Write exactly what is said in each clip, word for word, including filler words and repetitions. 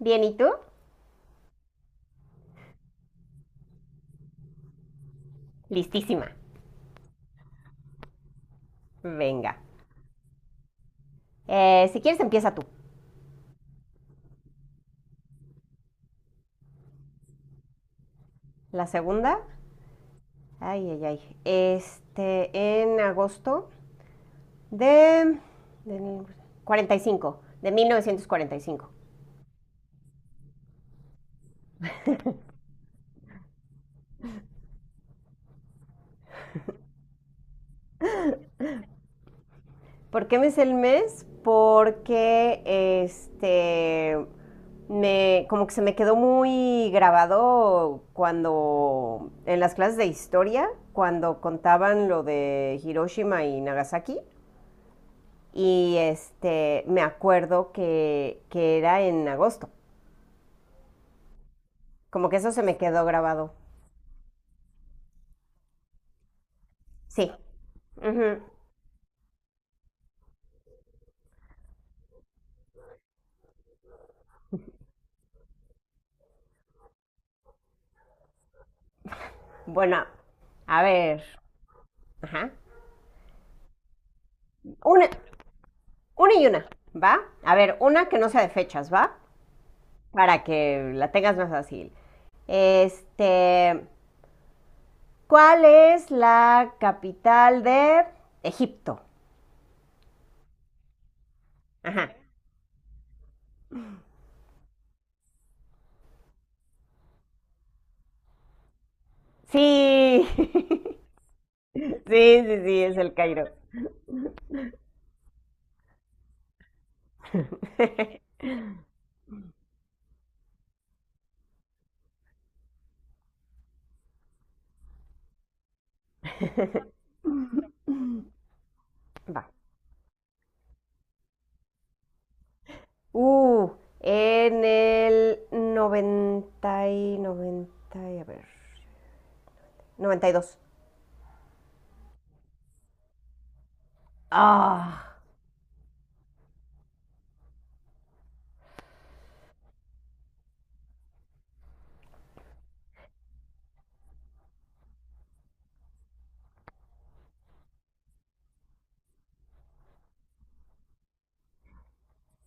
Bien, ¿y tú? Listísima. Venga. Eh, si quieres, empieza tú. La segunda. Ay, ay, ay. Este, en agosto de, de cuarenta y cinco, de mil novecientos cuarenta y cinco. ¿Por qué me es el mes? Porque este me como que se me quedó muy grabado cuando en las clases de historia, cuando contaban lo de Hiroshima y Nagasaki y este, me acuerdo que, que era en agosto. Como que eso se me quedó grabado. Sí. Ujú. Bueno, a ver. Ajá. Una, una y una, ¿va? A ver, una que no sea de fechas, ¿va? Para que la tengas más fácil. Este, ¿cuál es la capital de Egipto? Ajá. Sí. Sí, sí, sí, es el Cairo. Va. Uh, en el noventa y noventa y a ver, noventa y dos. Ah,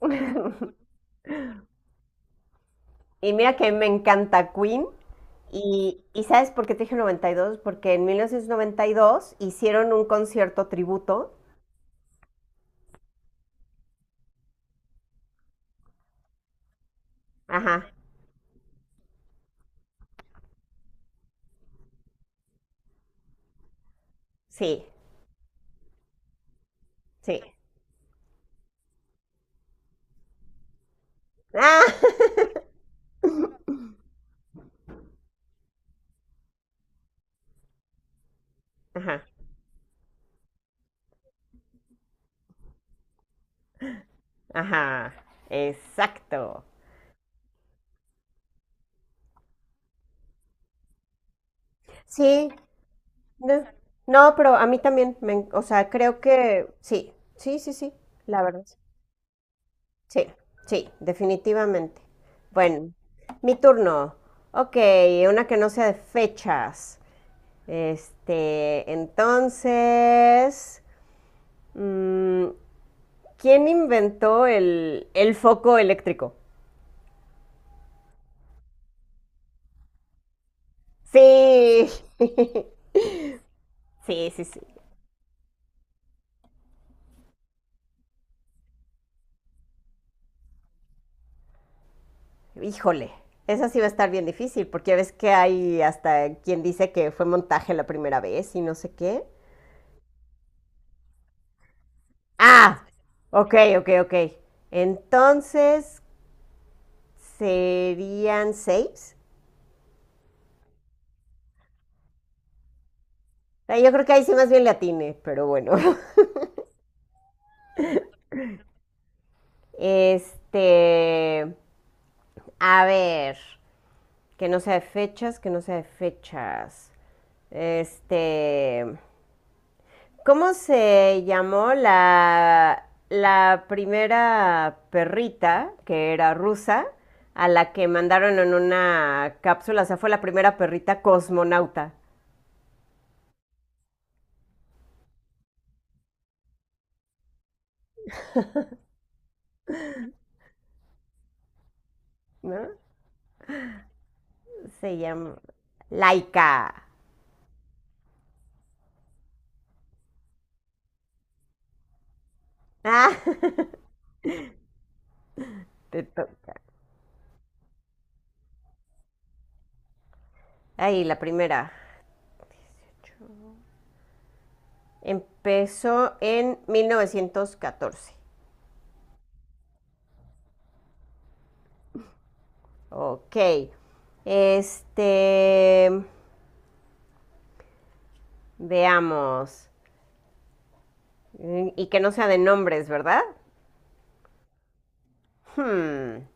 y mira que me encanta Queen. Y, y ¿sabes por qué te dije noventa y dos? Porque en mil novecientos noventa y dos hicieron un concierto tributo. Ajá, sí, sí. Ah, ajá, ajá, exacto. Sí, no, no, pero a mí también, me o sea, creo que sí, sí, sí, sí, la verdad. Sí, sí, definitivamente. Bueno, mi turno. Ok, una que no sea de fechas. Este, entonces, mm, ¿quién inventó el, el foco eléctrico? Sí, sí, sí, sí. Híjole, esa sí va a estar bien difícil, porque ya ves que hay hasta quien dice que fue montaje la primera vez y no sé qué. Ah, ok, ok, ok. Entonces, serían seis. Yo creo que ahí sí más bien le atine, pero bueno. Este, a ver, que no sea de fechas, que no sea de fechas. Este, ¿cómo se llamó la, la primera perrita que era rusa? A la que mandaron en una cápsula, o sea, fue la primera perrita cosmonauta, ¿no? Se llama Laika. Ah, te to- ahí, la primera. Empezó en mil novecientos catorce. Ok. Este. Veamos. Mm, Y que no sea de nombres, ¿verdad? Hmm.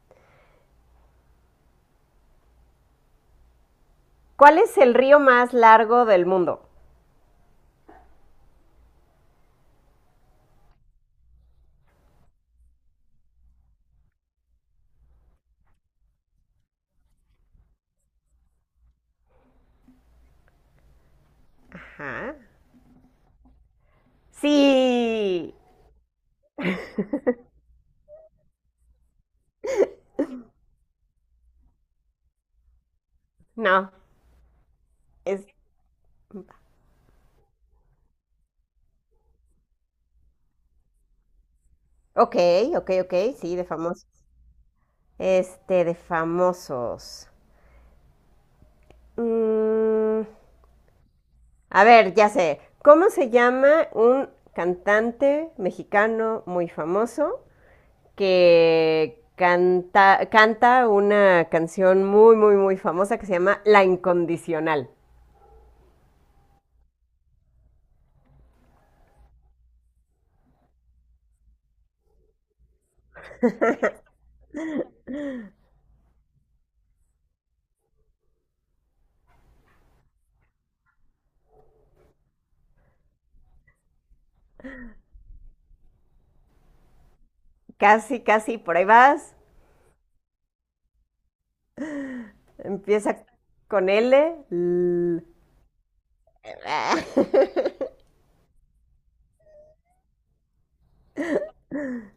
¿Cuál es el río más largo del mundo? Ajá. Sí. No. Es. Ok, ok, ok. Sí, de famosos. Este, de famosos. Mm, A ver, ya sé. ¿Cómo se llama un cantante mexicano muy famoso que canta, canta una canción muy, muy, muy famosa que se llama La Incondicional? Casi, casi, por ahí vas. Empieza con L. L.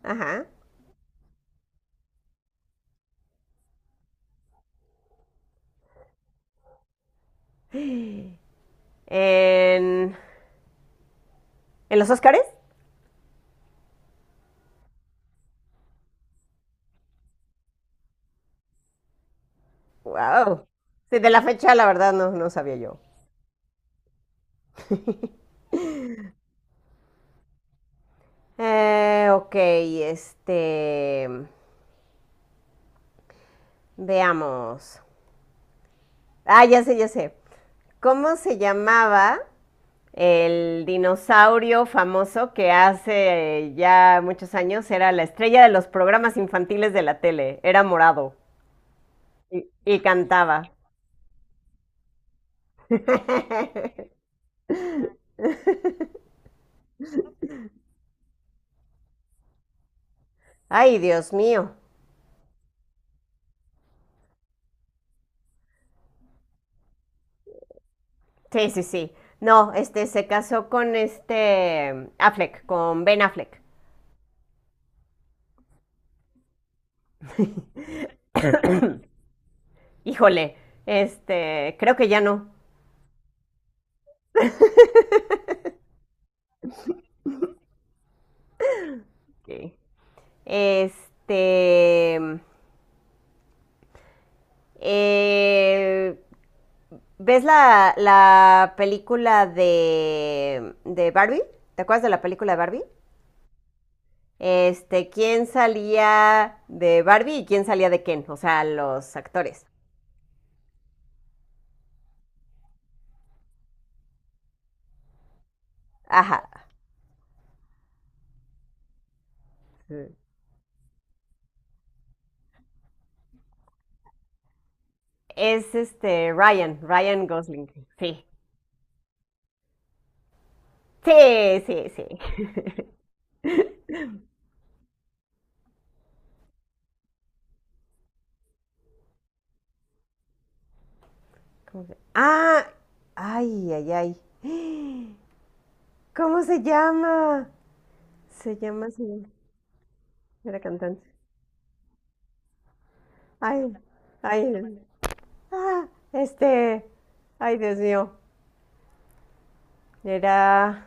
Ajá. En, ¿en los Óscares? Wow. Sí, de la fecha, la verdad, no, no sabía yo. Eh, ok, este. Veamos. Ah, ya sé, ya sé. ¿Cómo se llamaba el dinosaurio famoso que hace eh, ya muchos años era la estrella de los programas infantiles de la tele? Era morado y, y cantaba. Ay, Dios mío. Sí, sí, sí. No, este se casó con este mm, Affleck, con Ben Affleck. Híjole, este, creo que ya no. Ok. Este, mm, eh, ¿ves la, la película de, de Barbie? ¿Te acuerdas de la película de Barbie? Este, ¿quién salía de Barbie y quién salía de Ken? O sea, los actores. Ajá. Es este Ryan, Ryan, Gosling. Sí. Sí, sí, sí. ¿Cómo se- Ah, ay, ay, ay. ¿Cómo se llama? Se llama, se llama. Era cantante. Ay, ay. Ah, este. Ay, Dios mío. Era,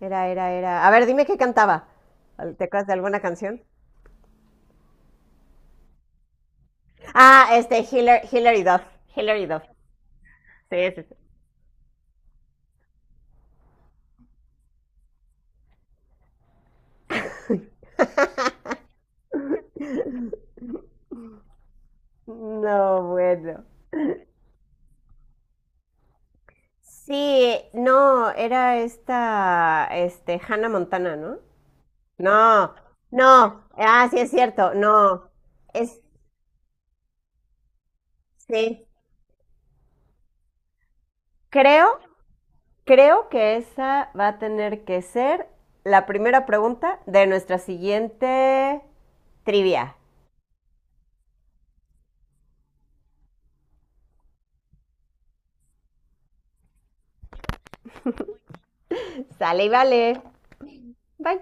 era, era, era. A ver, dime qué cantaba. Al- ¿Te acuerdas de alguna canción? Ah, este, Hillary, Hillary Duff. Hillary Duff. Sí, sí, sí. No, bueno. Sí, no, era esta, este, Hannah Montana, ¿no? No, no. Ah, sí es cierto. No. Es, sí. Creo, creo que esa va a tener que ser la primera pregunta de nuestra siguiente trivia. Sale y vale. Bye.